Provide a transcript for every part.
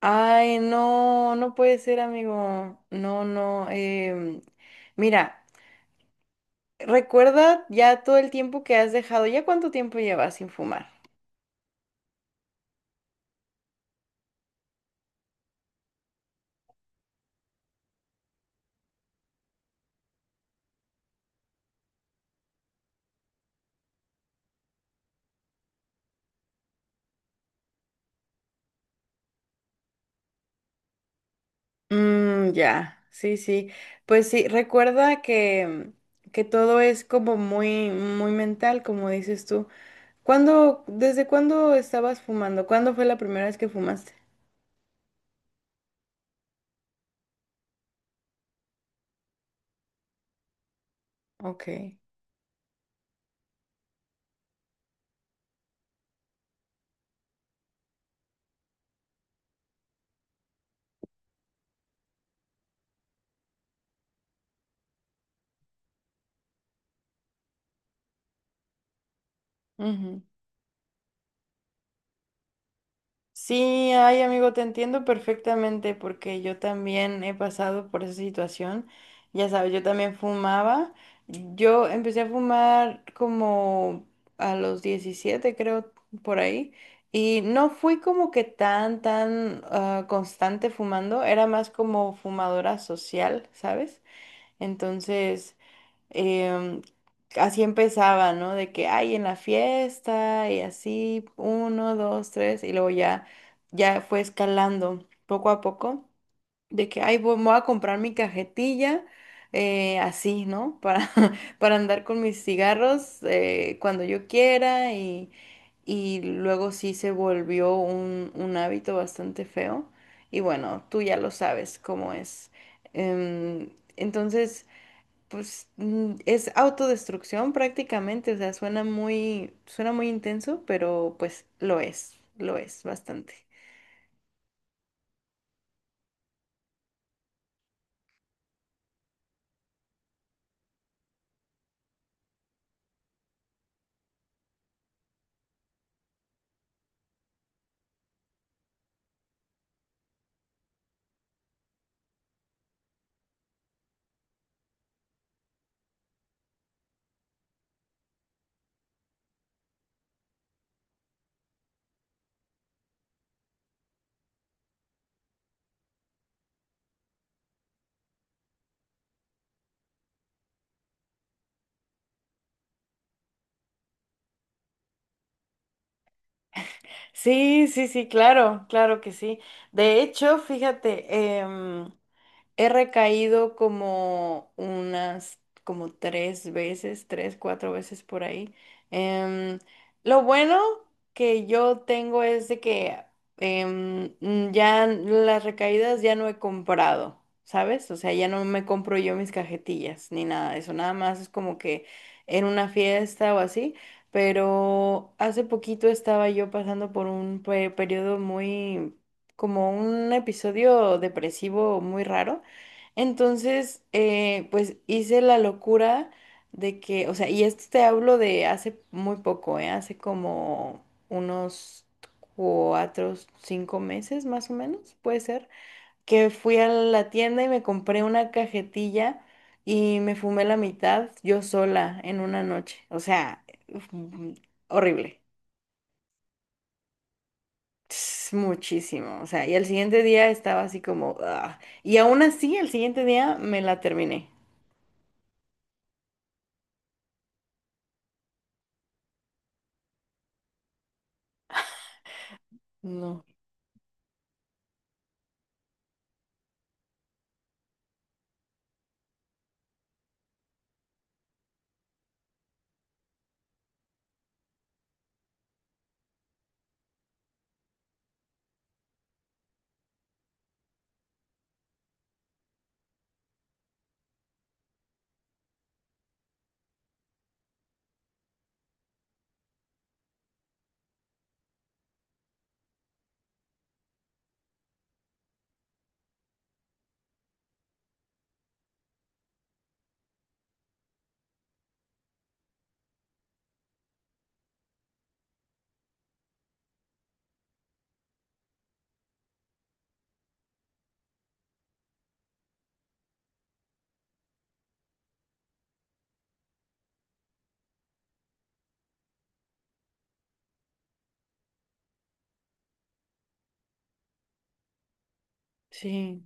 Ay, no, no puede ser, amigo. No, no. Mira, recuerda ya todo el tiempo que has dejado. ¿Ya cuánto tiempo llevas sin fumar? Mm, ya, sí, sí. Pues sí, recuerda que todo es como muy, muy mental, como dices tú. ¿Cuándo, desde cuándo estabas fumando? ¿Cuándo fue la primera vez que fumaste? Ok. Sí, ay amigo, te entiendo perfectamente porque yo también he pasado por esa situación. Ya sabes, yo también fumaba. Yo empecé a fumar como a los 17, creo, por ahí. Y no fui como que tan, tan constante fumando. Era más como fumadora social, ¿sabes? Entonces, em, así empezaba, ¿no? De que hay en la fiesta y así, uno, dos, tres, y luego ya, ya fue escalando poco a poco, de que, ay, voy, me voy a comprar mi cajetilla, así, ¿no? Para, para andar con mis cigarros cuando yo quiera y luego sí se volvió un hábito bastante feo. Y bueno, tú ya lo sabes cómo es. Em, entonces... Pues mm, es autodestrucción prácticamente, o sea, suena muy intenso, pero pues lo es bastante. Sí, sí, sí, claro, claro que sí. De hecho, fíjate, he recaído como unas, como tres veces, tres, cuatro veces por ahí. Em, lo bueno que yo tengo es de que ya las recaídas ya no he comprado, ¿sabes? O sea, ya no me compro yo mis cajetillas ni nada de eso. Nada más es como que en una fiesta o así. Pero hace poquito estaba yo pasando por un periodo muy, como un episodio depresivo muy raro. Entonces, pues hice la locura de que, o sea, y esto te hablo de hace muy poco, ¿eh? Hace como unos cuatro, cinco meses más o menos, puede ser, que fui a la tienda y me compré una cajetilla y me fumé la mitad yo sola en una noche. O sea, mm, horrible. Ts, muchísimo. O sea, y al siguiente día estaba así como, "Ah". Y aún así, el siguiente día me la terminé. No. Sí,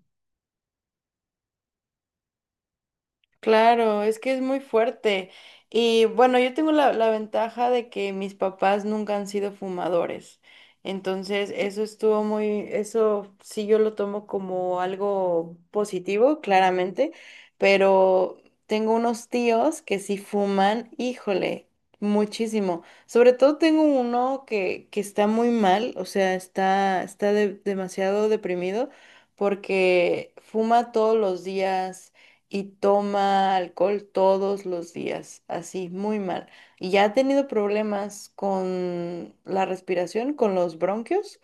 claro, es que es muy fuerte. Y bueno, yo tengo la ventaja de que mis papás nunca han sido fumadores. Entonces, eso estuvo muy, eso sí yo lo tomo como algo positivo, claramente, pero tengo unos tíos que sí fuman, híjole, muchísimo. Sobre todo tengo uno que está muy mal, o sea, está, demasiado deprimido porque fuma todos los días. Y toma alcohol todos los días, así, muy mal. Y ya ha tenido problemas con la respiración, con los bronquios,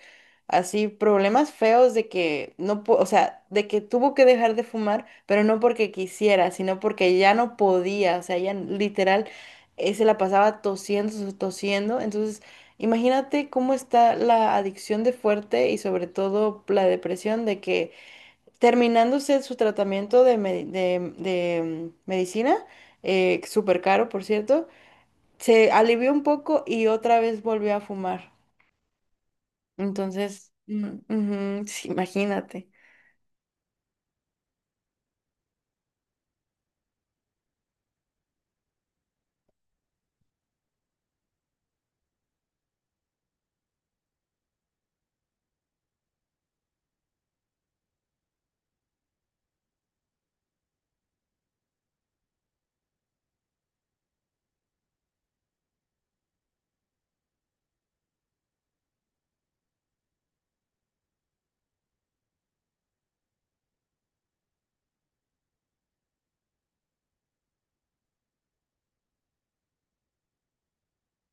así, problemas feos de que no, o sea, de que tuvo que dejar de fumar, pero no porque quisiera, sino porque ya no podía, o sea, ya literal se la pasaba tosiendo, tosiendo, entonces... Imagínate cómo está la adicción de fuerte y sobre todo la depresión de que terminando usted su tratamiento de, medicina, súper caro, por cierto, se alivió un poco y otra vez volvió a fumar. Entonces, mm, ujú, sí, imagínate.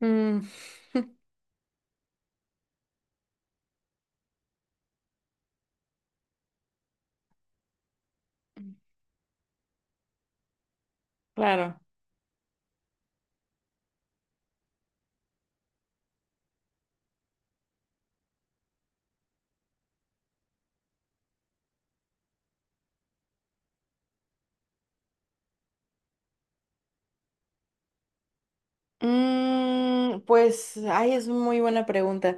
Mm, claro. Mm, pues, ay, es muy buena pregunta.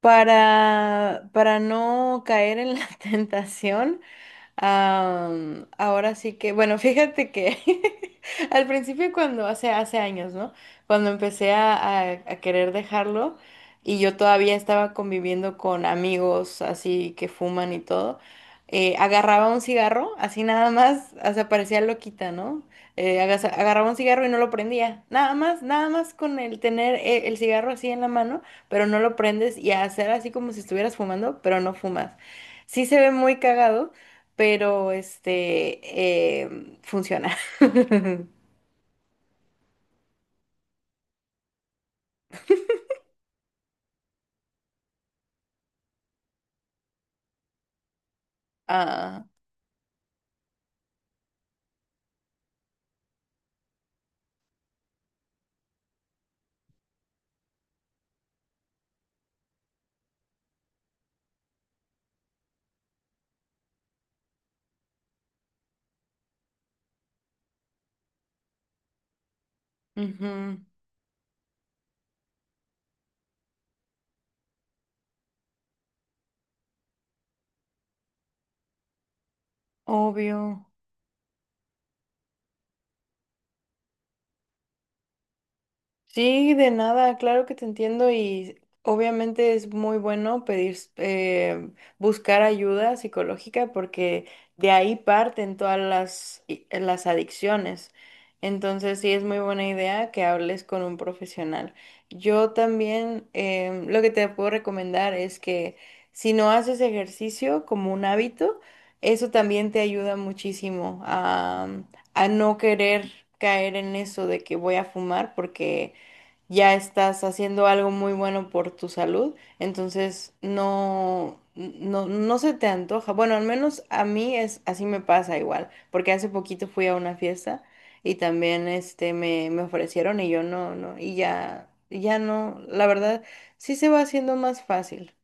Para no caer en la tentación. Ahora sí que, bueno, fíjate que al principio cuando, hace, hace años, ¿no? Cuando empecé a querer dejarlo y yo todavía estaba conviviendo con amigos así que fuman y todo, agarraba un cigarro, así nada más, o sea, parecía loquita, ¿no? Agarraba un cigarro y no lo prendía, nada más, nada más con el tener el cigarro así en la mano, pero no lo prendes y hacer así como si estuvieras fumando, pero no fumas. Sí se ve muy cagado pero funciona. Ah, ujú, obvio. Sí, de nada, claro que te entiendo y obviamente es muy bueno pedir, buscar ayuda psicológica porque de ahí parten todas las adicciones. Entonces sí es muy buena idea que hables con un profesional. Yo también lo que te puedo recomendar es que si no haces ejercicio como un hábito, eso también te ayuda muchísimo a no querer caer en eso de que voy a fumar porque ya estás haciendo algo muy bueno por tu salud, entonces no, no, no se te antoja. Bueno, al menos a mí es así me pasa igual, porque hace poquito fui a una fiesta y también me ofrecieron y yo no, no, y ya, ya no, la verdad, sí se va haciendo más fácil.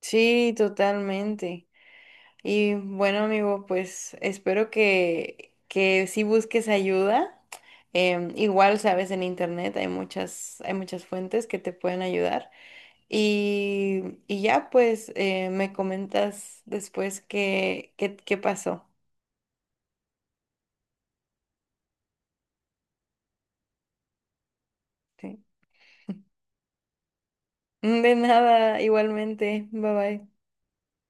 Sí, totalmente. Y bueno, amigo, pues espero que sí busques ayuda. Igual, sabes, en internet hay muchas fuentes que te pueden ayudar. Y ya, pues, me comentas después qué, qué, qué pasó. ¿Sí? De nada, igualmente. Bye bye.